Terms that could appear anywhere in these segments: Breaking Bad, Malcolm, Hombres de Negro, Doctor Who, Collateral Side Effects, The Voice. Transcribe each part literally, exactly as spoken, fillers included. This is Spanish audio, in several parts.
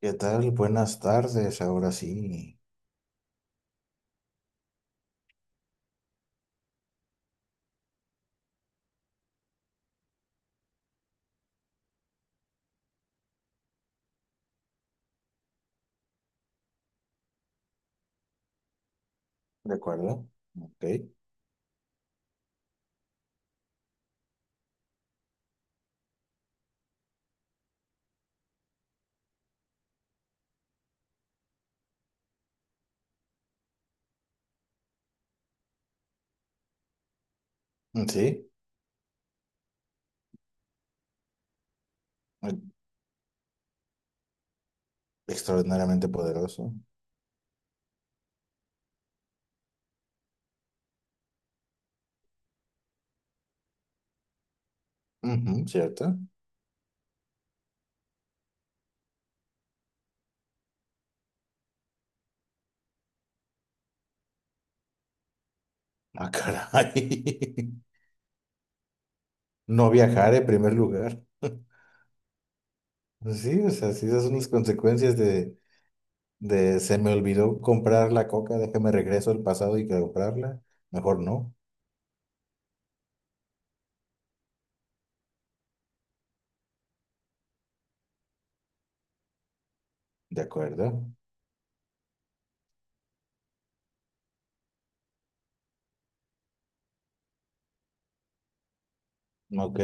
¿Qué tal? Buenas tardes, ahora sí, ¿de acuerdo? Ok, mm, sí, eh, extraordinariamente poderoso. Ujú, ¿cierto? Ah, caray. No viajar en primer lugar. Sí, o sea, sí, esas son las consecuencias de, de se me olvidó comprar la coca, déjame regreso al pasado y comprarla. Mejor no, ¿de acuerdo? Ok,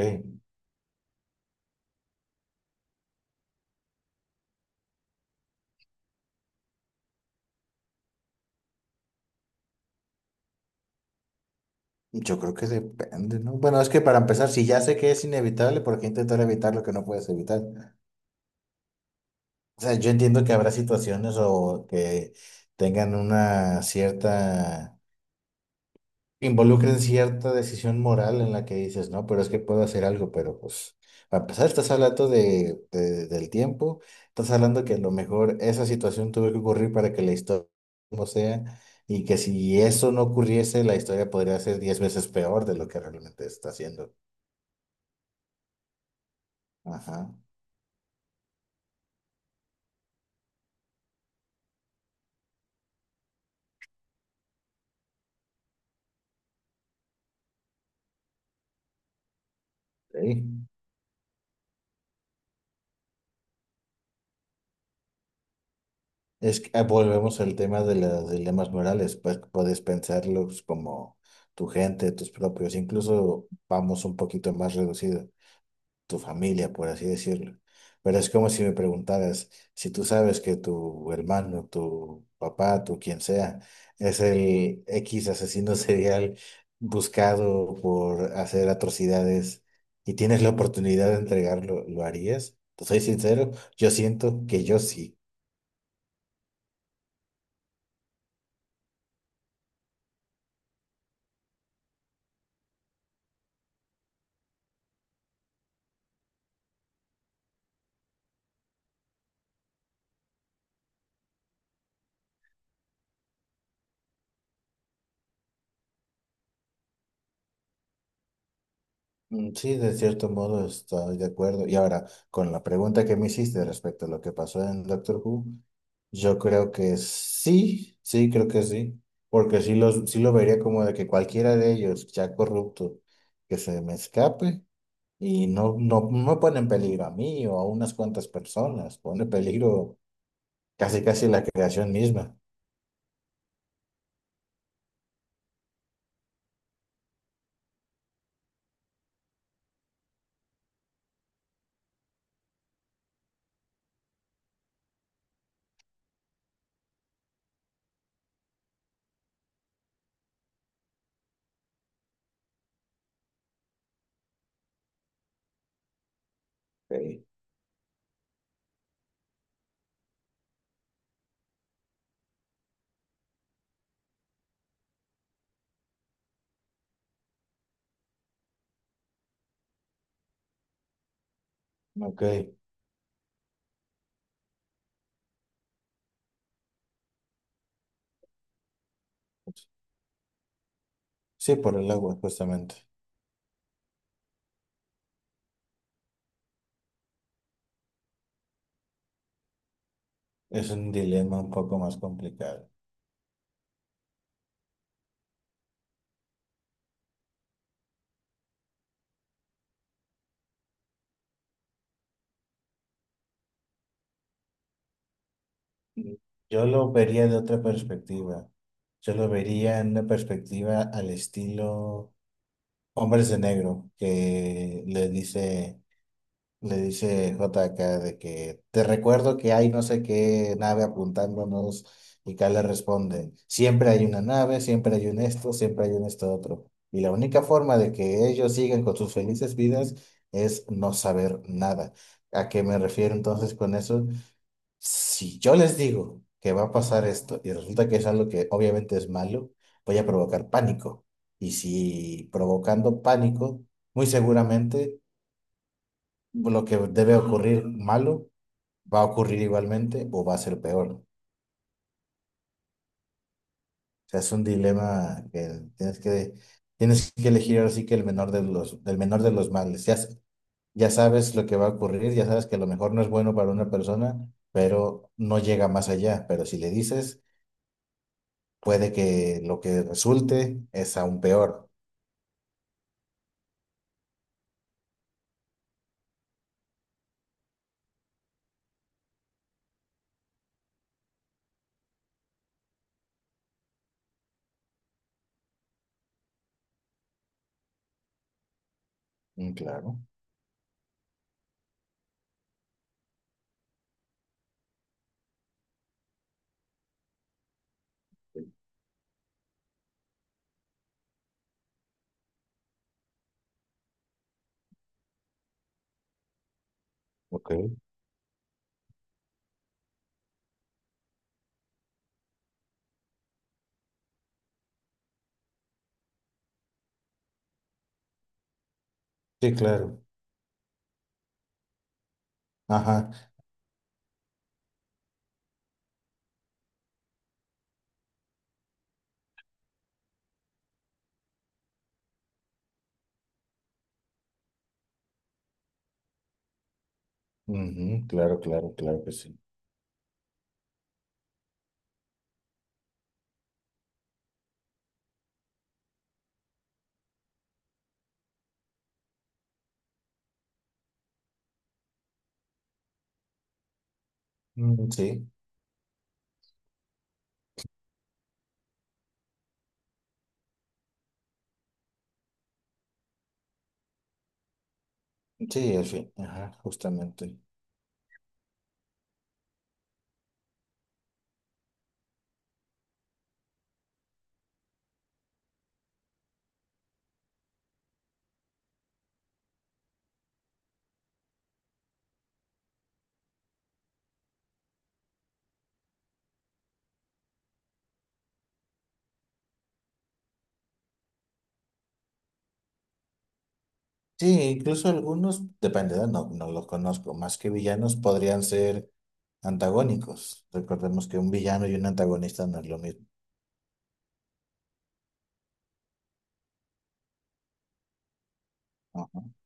yo creo que depende, ¿no? Bueno, es que para empezar, si ya sé que es inevitable, ¿por qué intentar evitar lo que no puedes evitar? O sea, yo entiendo que habrá situaciones o que tengan una cierta, involucren cierta decisión moral en la que dices, no, pero es que puedo hacer algo, pero pues, a pesar estás hablando de, de- del tiempo, estás hablando que a lo mejor esa situación tuvo que ocurrir para que la historia como sea, y que si eso no ocurriese, la historia podría ser diez veces peor de lo que realmente está haciendo. Ajá. Ok. Es que ah, volvemos al tema de los dilemas morales, pues puedes pensarlos como tu gente, tus propios, incluso vamos un poquito más reducido, tu familia, por así decirlo. Pero es como si me preguntaras, si tú sabes que tu hermano, tu papá, tu quien sea, es el X asesino serial buscado por hacer atrocidades y tienes la oportunidad de entregarlo, ¿lo harías? Te soy sincero, yo siento que yo sí. Mm, sí, de cierto modo estoy de acuerdo. Y ahora, con la pregunta que me hiciste respecto a lo que pasó en Doctor Who, yo creo que sí, sí, creo que sí, porque sí, los, sí lo vería como de que cualquiera de ellos, ya corrupto, que se me escape y no, no, no pone en peligro a mí o a unas cuantas personas, pone en peligro casi casi la creación misma. Okay. Ok, sí, por el agua, justamente. Es un dilema un poco más complicado. Yo lo vería de otra perspectiva. Yo lo vería en una perspectiva al estilo Hombres de Negro, que le dice, le dice J K de que te recuerdo que hay no sé qué nave apuntándonos y K le responde, siempre hay una nave, siempre hay un esto, siempre hay un esto otro. Y la única forma de que ellos sigan con sus felices vidas es no saber nada. ¿A qué me refiero entonces con eso? Si yo les digo que va a pasar esto y resulta que es algo que obviamente es malo, voy a provocar pánico. Y si provocando pánico, muy seguramente lo que debe ocurrir malo va a ocurrir igualmente o va a ser peor. O sea, es un dilema que tienes que, tienes que elegir ahora sí que el menor de los, del menor de los males. Ya, s- ya sabes lo que va a ocurrir, ya sabes que a lo mejor no es bueno para una persona, pero no llega más allá. Pero si le dices puede que lo que resulte es aún peor. Mm, claro, ok. Sí, claro. Ajá. Ujú, claro, claro, claro que sí. Mm, sí, sí, en fin. Ajá, justamente. Sí, incluso algunos, depende, ¿verdad? No, no los conozco, más que villanos podrían ser antagónicos. Recordemos que un villano y un antagonista no es lo mismo. Ajá.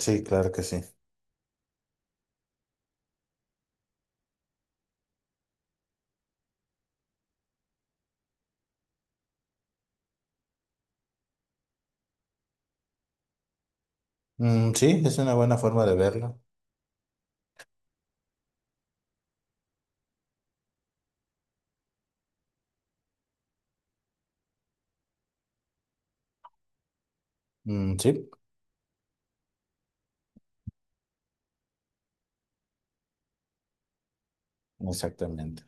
Sí, claro que sí. Mm, sí, es una buena forma de verlo. Mm, sí, exactamente.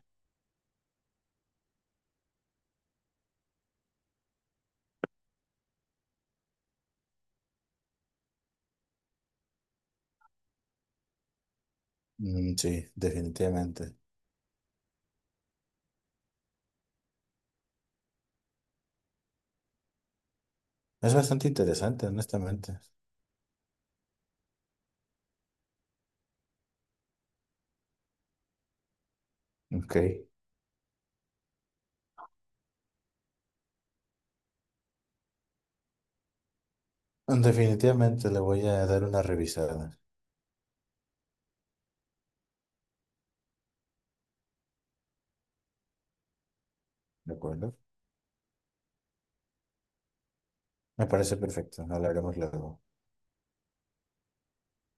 Mm, sí, definitivamente. Es bastante interesante, honestamente. Ok. Definitivamente le voy a dar una revisada. ¿De acuerdo? Me parece perfecto. Hablaremos luego.